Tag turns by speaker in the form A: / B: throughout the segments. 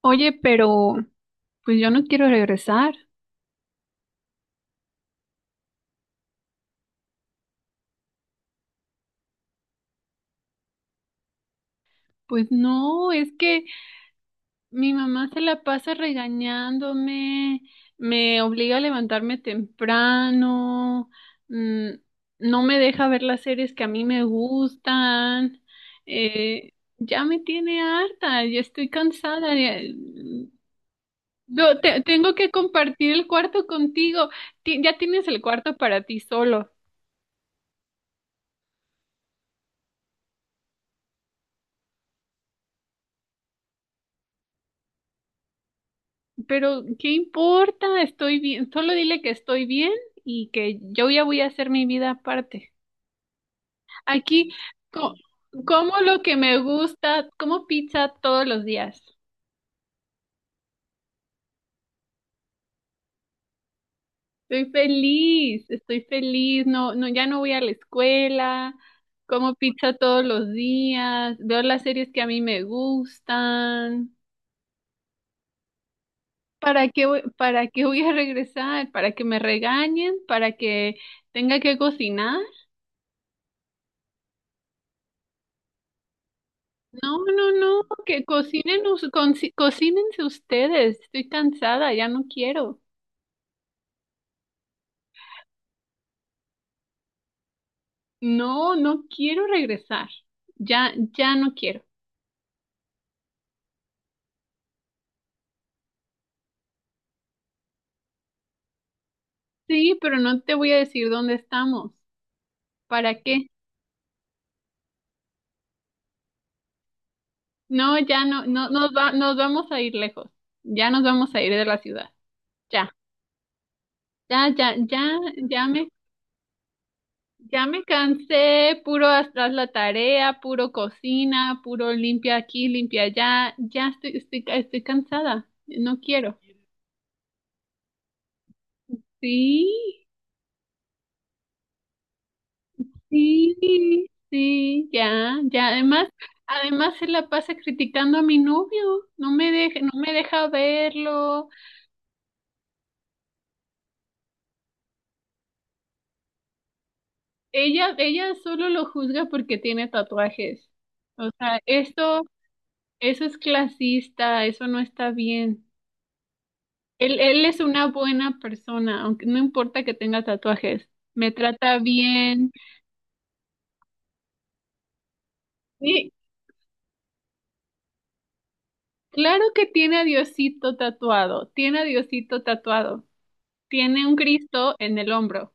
A: Oye, pero pues yo no quiero regresar. Pues no, es que mi mamá se la pasa regañándome, me obliga a levantarme temprano, mm, no me deja ver las series que a mí me gustan. Ya me tiene harta, ya estoy cansada. Tengo que compartir el cuarto contigo. Ya tienes el cuarto para ti solo. Pero, ¿qué importa? Estoy bien. Solo dile que estoy bien y que yo ya voy a hacer mi vida aparte. Aquí, co- como lo que me gusta, como pizza todos los días. Estoy feliz, estoy feliz. No, no, ya no voy a la escuela. Como pizza todos los días. Veo las series que a mí me gustan. ¿Para qué, para qué voy a regresar? ¿Para que me regañen? ¿Para que tenga que cocinar? No, no, no, que cocinen, cocínense ustedes. Estoy cansada, ya no quiero. No, no quiero regresar. Ya, ya no quiero. Sí, pero no te voy a decir dónde estamos. ¿Para qué? No, ya no, no, nos vamos a ir lejos. Ya nos vamos a ir de la ciudad. Ya, ya, ya, ya, ya me, ya me cansé. Puro atrás la tarea, puro cocina, puro limpia aquí, limpia allá. Ya estoy cansada. No quiero. Sí, sí, sí, ya, ya. Además se la pasa criticando a mi novio. No me deja verlo. Ella solo lo juzga porque tiene tatuajes. O sea, eso es clasista, eso no está bien. Él es una buena persona, aunque no importa que tenga tatuajes. Me trata bien. Sí, claro que tiene a Diosito tatuado, tiene a Diosito tatuado. Tiene un Cristo en el hombro.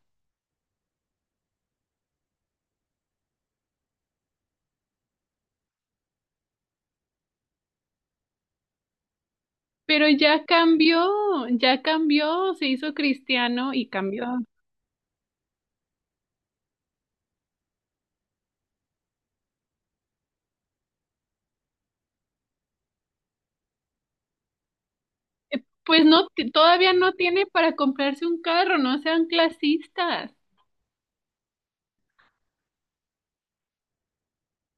A: Pero ya cambió, se hizo cristiano y cambió. Pues no, todavía no tiene para comprarse un carro, no sean clasistas.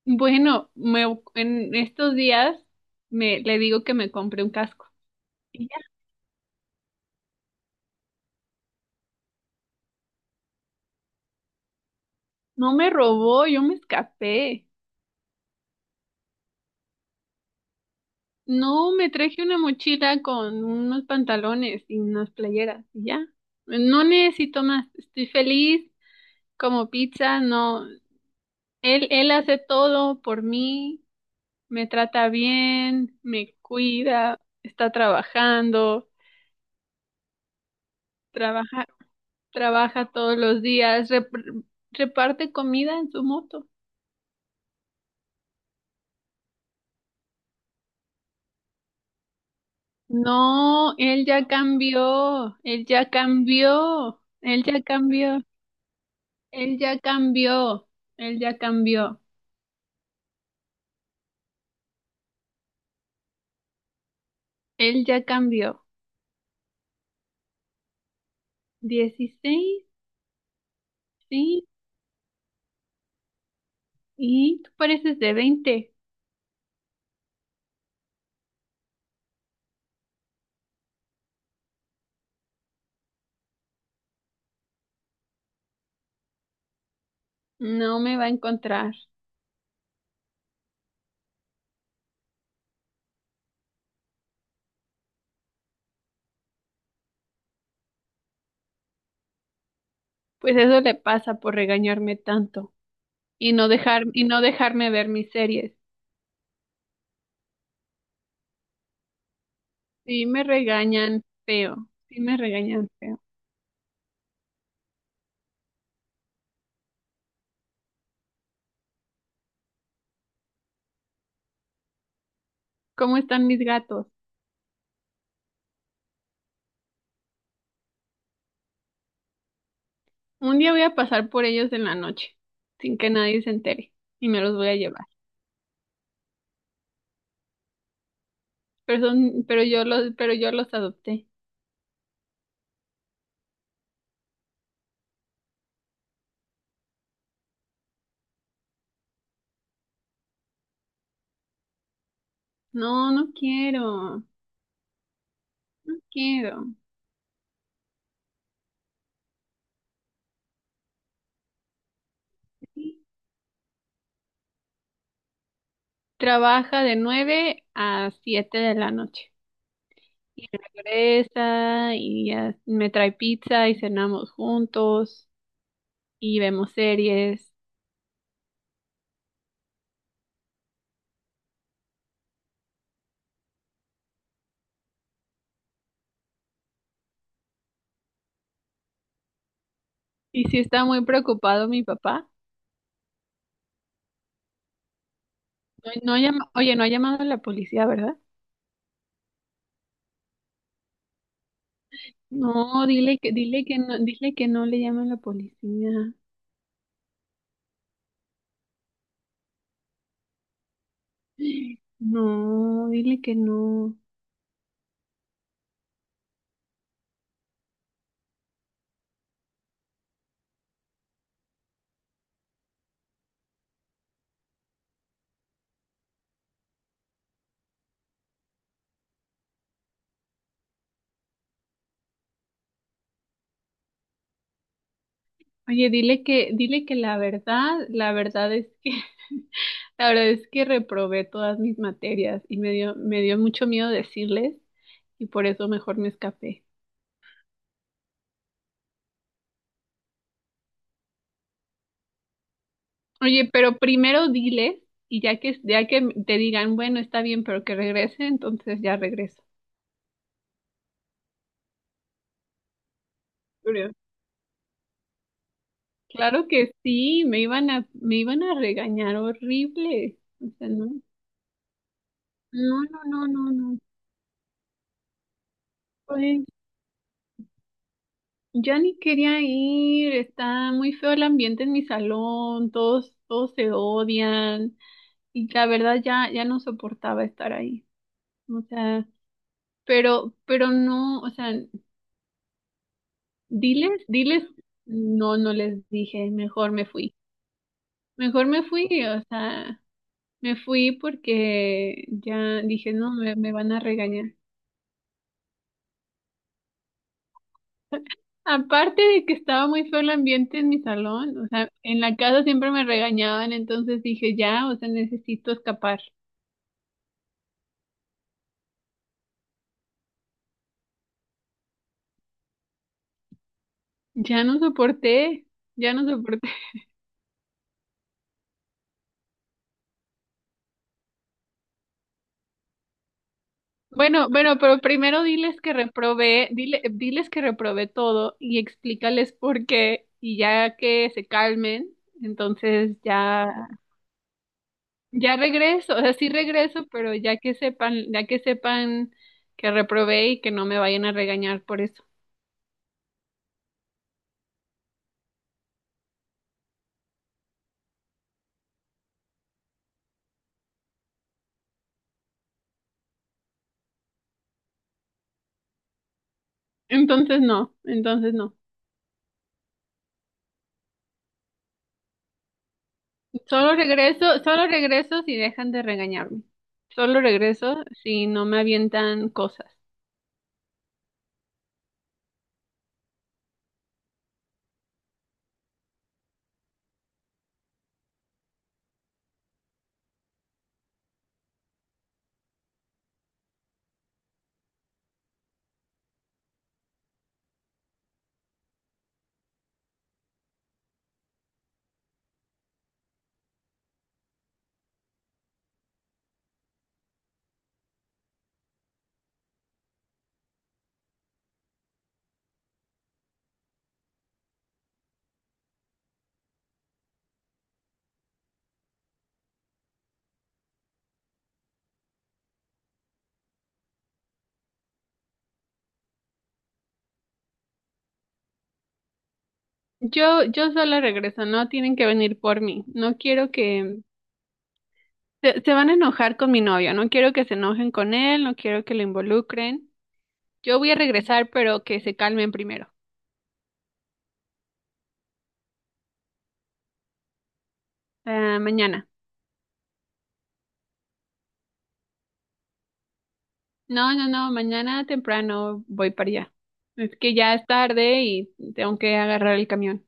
A: Bueno, en estos días le digo que me compré un casco. Y ya, no me robó, yo me escapé. No, me traje una mochila con unos pantalones y unas playeras y ya. No necesito más, estoy feliz como pizza, no. Él hace todo por mí. Me trata bien, me cuida, está trabajando, trabaja, trabaja todos los días, reparte comida en su moto. No, él ya cambió, él ya cambió, él ya cambió, él ya cambió, él ya cambió, él ya cambió. 16, sí, y tú pareces de 20. No me va a encontrar. Pues eso le pasa por regañarme tanto y no dejarme ver mis series. Sí me regañan feo, sí me regañan feo. ¿Cómo están mis gatos? Un día voy a pasar por ellos en la noche, sin que nadie se entere, y me los voy a llevar. Pero yo los adopté. No, no quiero, no quiero. Trabaja de 9 a 7 de la noche. Y regresa y ya me trae pizza y cenamos juntos y vemos series. Y sí está muy preocupado mi papá. No, oye, no ha llamado a la policía, ¿verdad? No, dile que no, dile que no le llaman a la policía. No, dile que no. Oye, dile que la verdad es que, la verdad es que reprobé todas mis materias y me dio mucho miedo decirles y por eso mejor me escapé. Oye, pero primero diles y ya que te digan, bueno, está bien, pero que regrese, entonces ya regreso. Claro que sí, me iban a regañar horrible. O sea, no, no, no, no, no, no. Pues ya ni quería ir, está muy feo el ambiente en mi salón, todos se odian y la verdad ya no soportaba estar ahí. O sea, pero no, o sea, diles, no, no les dije, mejor me fui. Mejor me fui, o sea, me fui porque ya dije, no, me van a regañar. Aparte de que estaba muy feo el ambiente en mi salón, o sea, en la casa siempre me regañaban, entonces dije, ya, o sea, necesito escapar. Ya no soporté, ya no soporté. Bueno, bueno, pero primero diles que reprobé, diles que reprobé todo y explícales por qué y ya que se calmen, entonces ya, ya regreso, o sea, sí regreso, pero ya que sepan que reprobé y que no me vayan a regañar por eso. Entonces no, entonces no. Solo regreso si dejan de regañarme. Solo regreso si no me avientan cosas. Yo solo regreso, no tienen que venir por mí. No quiero que se van a enojar con mi novio, no quiero que se enojen con él, no quiero que lo involucren. Yo voy a regresar, pero que se calmen primero. Ah, mañana. No, no, no, mañana temprano voy para allá. Es que ya es tarde y tengo que agarrar el camión.